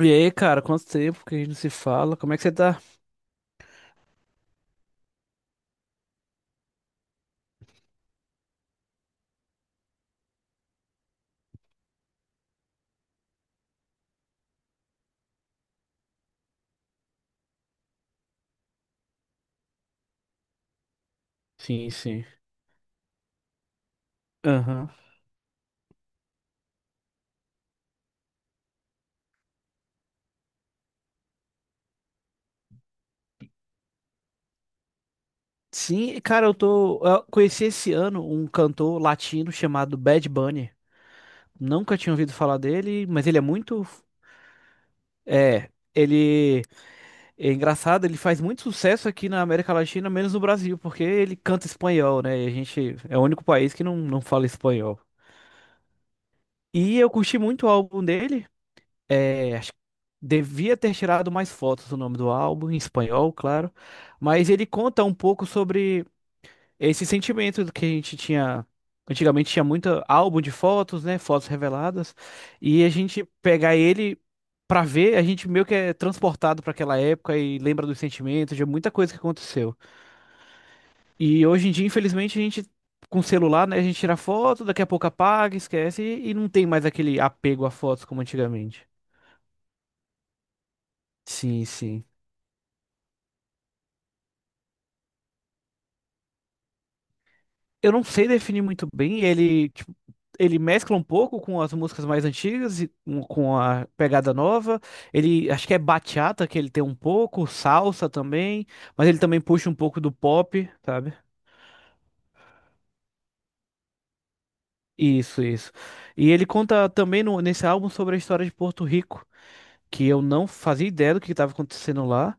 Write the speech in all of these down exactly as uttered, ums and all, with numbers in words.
E aí, cara, quanto tempo que a gente não se fala? Como é que você tá? Sim, sim. Aham. Sim, cara, eu tô. Eu conheci esse ano um cantor latino chamado Bad Bunny. Nunca tinha ouvido falar dele, mas ele é muito. É, ele é engraçado, ele faz muito sucesso aqui na América Latina, menos no Brasil, porque ele canta espanhol, né? E a gente é o único país que não, não fala espanhol. E eu curti muito o álbum dele. É, acho que devia ter tirado mais fotos do nome do álbum, em espanhol, claro. Mas ele conta um pouco sobre esse sentimento do que a gente tinha. Antigamente tinha muito álbum de fotos, né? Fotos reveladas. E a gente pegar ele pra ver, a gente meio que é transportado pra aquela época e lembra dos sentimentos, de muita coisa que aconteceu. E hoje em dia, infelizmente, a gente. Com celular, né? A gente tira foto, daqui a pouco apaga, esquece e e não tem mais aquele apego a fotos como antigamente. Sim, sim. Eu não sei definir muito bem. Ele, tipo, ele mescla um pouco com as músicas mais antigas e com com a pegada nova. Ele, acho que é bachata que ele tem um pouco, salsa também, mas ele também puxa um pouco do pop, sabe? Isso, isso. E ele conta também no- nesse álbum sobre a história de Porto Rico, que eu não fazia ideia do que estava acontecendo lá,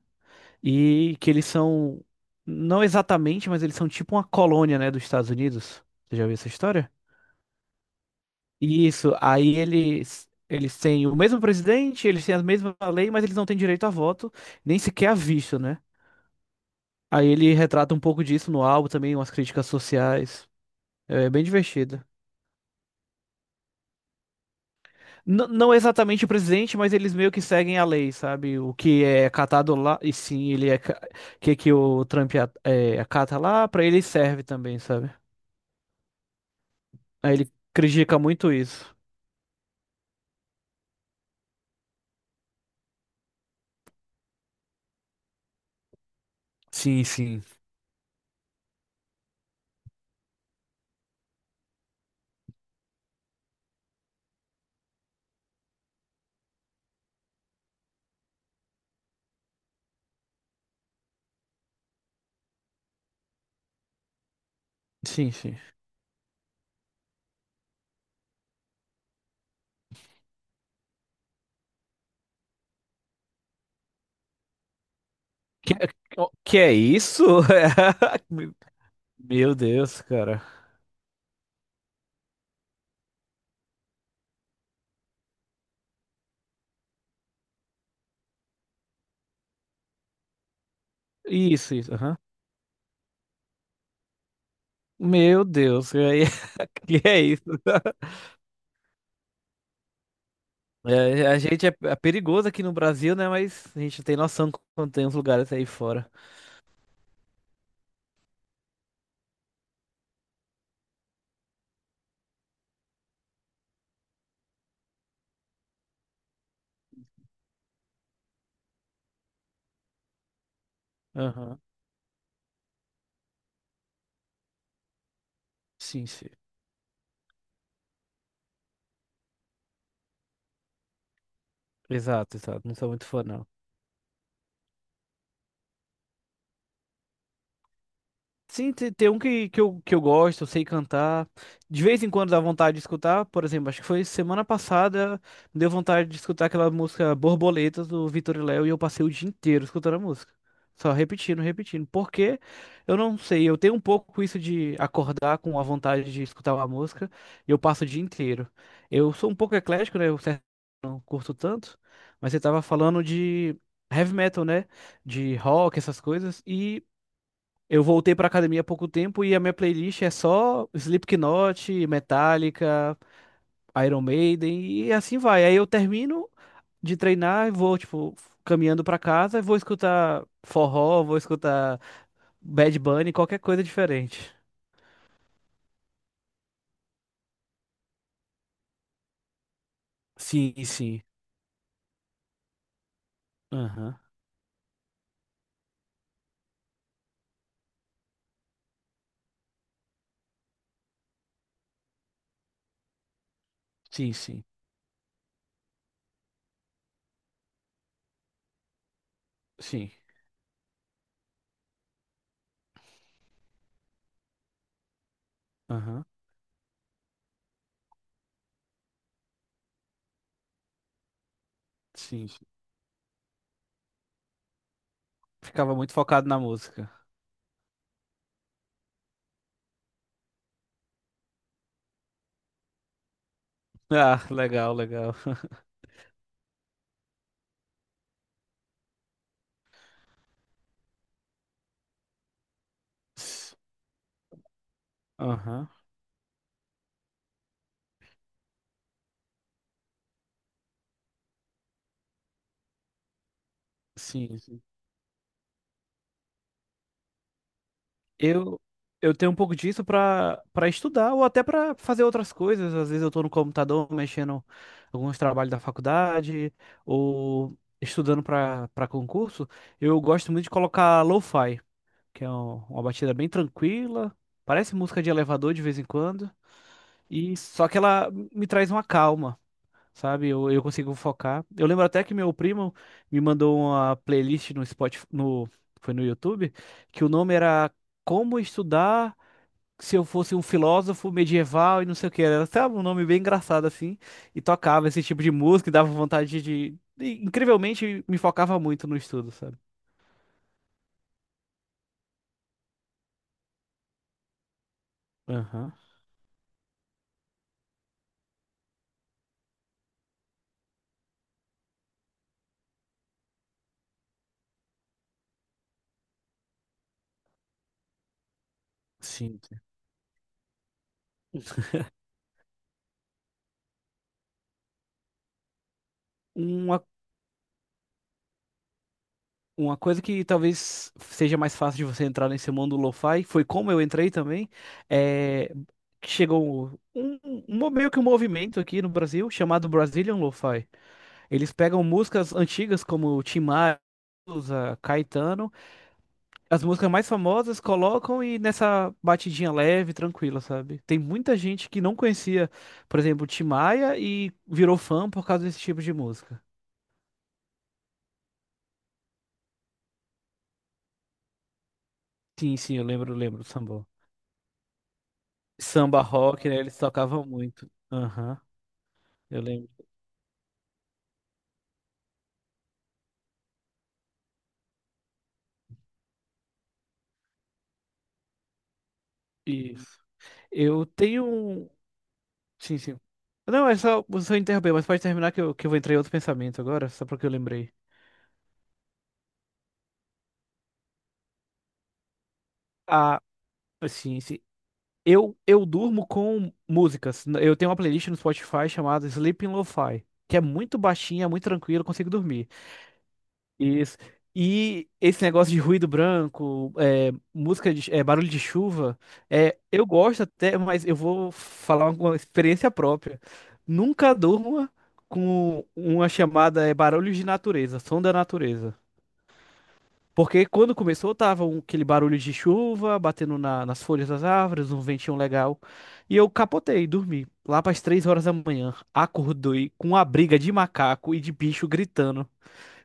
e que eles são, não exatamente, mas eles são tipo uma colônia, né, dos Estados Unidos. Você já viu essa história? Isso, aí eles eles têm o mesmo presidente, eles têm a mesma lei, mas eles não têm direito a voto, nem sequer a visto, né? Aí ele retrata um pouco disso no álbum também, umas críticas sociais. É bem divertido. N- não exatamente o presidente, mas eles meio que seguem a lei, sabe? O que é catado lá, e sim, ele é ca- que que o Trump a- é, acata lá, pra ele serve também, sabe? Aí ele critica muito isso. Sim, sim. Sim, sim. Que, que é isso? Meu Deus, cara. Isso, isso, aham. Meu Deus, aí, que é isso? É, a gente é, é perigoso aqui no Brasil, né? Mas a gente não tem noção quando tem uns lugares aí fora. Aham. Sim, sim. Exato, exato. Não sou muito fã, não. Sim, te- tem um que, que, eu, que eu gosto, eu sei cantar. De vez em quando dá vontade de escutar, por exemplo, acho que foi semana passada, deu vontade de escutar aquela música Borboletas do Vitor e Léo e eu passei o dia inteiro escutando a música. Só repetindo, repetindo. Porque eu não sei, eu tenho um pouco isso de acordar com a vontade de escutar uma música e eu passo o dia inteiro. Eu sou um pouco eclético, né? Eu certo, não curto tanto, mas você tava falando de heavy metal, né? De rock, essas coisas. E. Eu voltei pra academia há pouco tempo e a minha playlist é só Slipknot, Metallica, Iron Maiden e assim vai. Aí eu termino de treinar e vou, tipo, caminhando pra casa e vou escutar forró, vou escutar Bad Bunny, qualquer coisa diferente. Sim, sim. Aham. Sim, sim. Sim. Aham. Sim. Ficava muito focado na música. Ah, legal, legal. Aham. Sim. Sim. Eu, eu tenho um pouco disso pra para estudar ou até pra fazer outras coisas. Às vezes eu tô no computador mexendo alguns trabalhos da faculdade ou estudando pra para concurso. Eu gosto muito de colocar lo-fi, que é um- uma batida bem tranquila, parece música de elevador de vez em quando, e só que ela me traz uma calma. Sabe, eu, eu consigo focar. Eu lembro até que meu primo me mandou uma playlist no Spotify, no, foi no YouTube, que o nome era Como Estudar se eu fosse um filósofo medieval e não sei o que. Era até um nome bem engraçado assim. E tocava esse tipo de música e dava vontade de. E, incrivelmente me focava muito no estudo, sabe? Aham, sim. Uma, uma coisa que talvez seja mais fácil de você entrar nesse mundo lo-fi, foi como eu entrei também, é, que chegou um, um- um- meio que um movimento aqui no Brasil chamado Brazilian Lo-Fi. Eles pegam músicas antigas como Tim Maia, Caetano, as músicas mais famosas colocam e nessa batidinha leve, tranquila, sabe? Tem muita gente que não conhecia, por exemplo, Tim Maia e virou fã por causa desse tipo de música. Sim, sim, eu lembro, lembro do samba. Samba rock, né? Eles tocavam muito. Aham, eu lembro. Isso. Eu tenho um. Sim, sim. Não, é só. Você interromper, mas pode terminar que eu, que eu vou entrar em outro pensamento agora, só porque eu lembrei. Ah, sim, sim. Eu, eu durmo com músicas. Eu tenho uma playlist no Spotify chamada Sleeping Lo-Fi, que é muito baixinha, muito tranquila, eu consigo dormir. Isso. E esse negócio de ruído branco, é, música de, é, barulho de chuva, é, eu gosto até, mas eu vou falar uma experiência própria. Nunca durma com uma chamada é, barulhos de natureza, som da natureza. Porque quando começou, tava um- aquele barulho de chuva batendo na- nas folhas das árvores, um ventinho legal. E eu capotei, dormi. Lá para as três horas da manhã, acordei com a briga de macaco e de bicho gritando.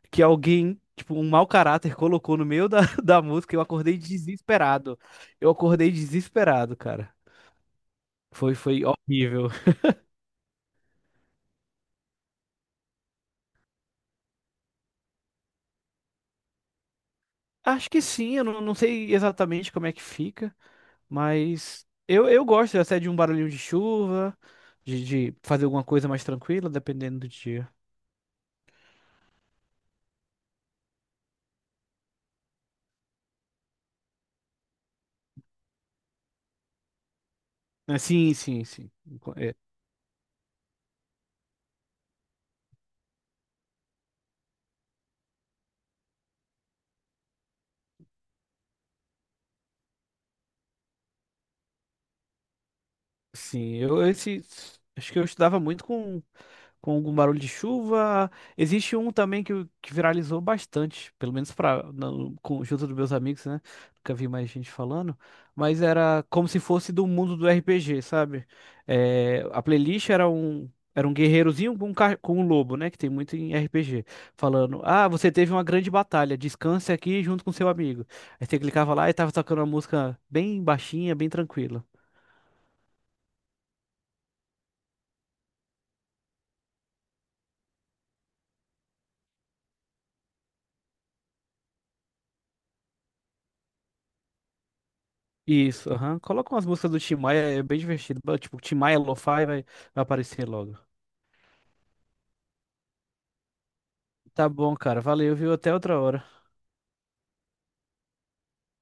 Que alguém, tipo, um mau caráter colocou no meio da, da música. Eu acordei desesperado. Eu acordei desesperado, cara. Foi, foi horrível. Acho que sim, eu não, não sei exatamente como é que fica. Mas eu, eu gosto até de um barulhinho de chuva, de, de fazer alguma coisa mais tranquila, dependendo do dia. Ah, sim, sim, sim. É, sim, eu esse acho que eu estudava muito com com algum barulho de chuva. Existe um também que, eu- que viralizou bastante, pelo menos para junto dos meus amigos, né? Nunca vi mais gente falando, mas era como se fosse do mundo do R P G, sabe? É, a playlist era um era um guerreirozinho com um, ca- com um lobo, né? Que tem muito em R P G, falando: Ah, você teve uma grande batalha, descanse aqui junto com seu amigo. Aí você clicava lá e tava tocando uma música bem baixinha, bem tranquila. Isso, aham. Coloca umas músicas do Tim Maia, é bem divertido. Ba- Tipo, Tim Maia Lo-Fi vai, vai aparecer logo. Tá bom, cara. Valeu, viu? Até outra hora.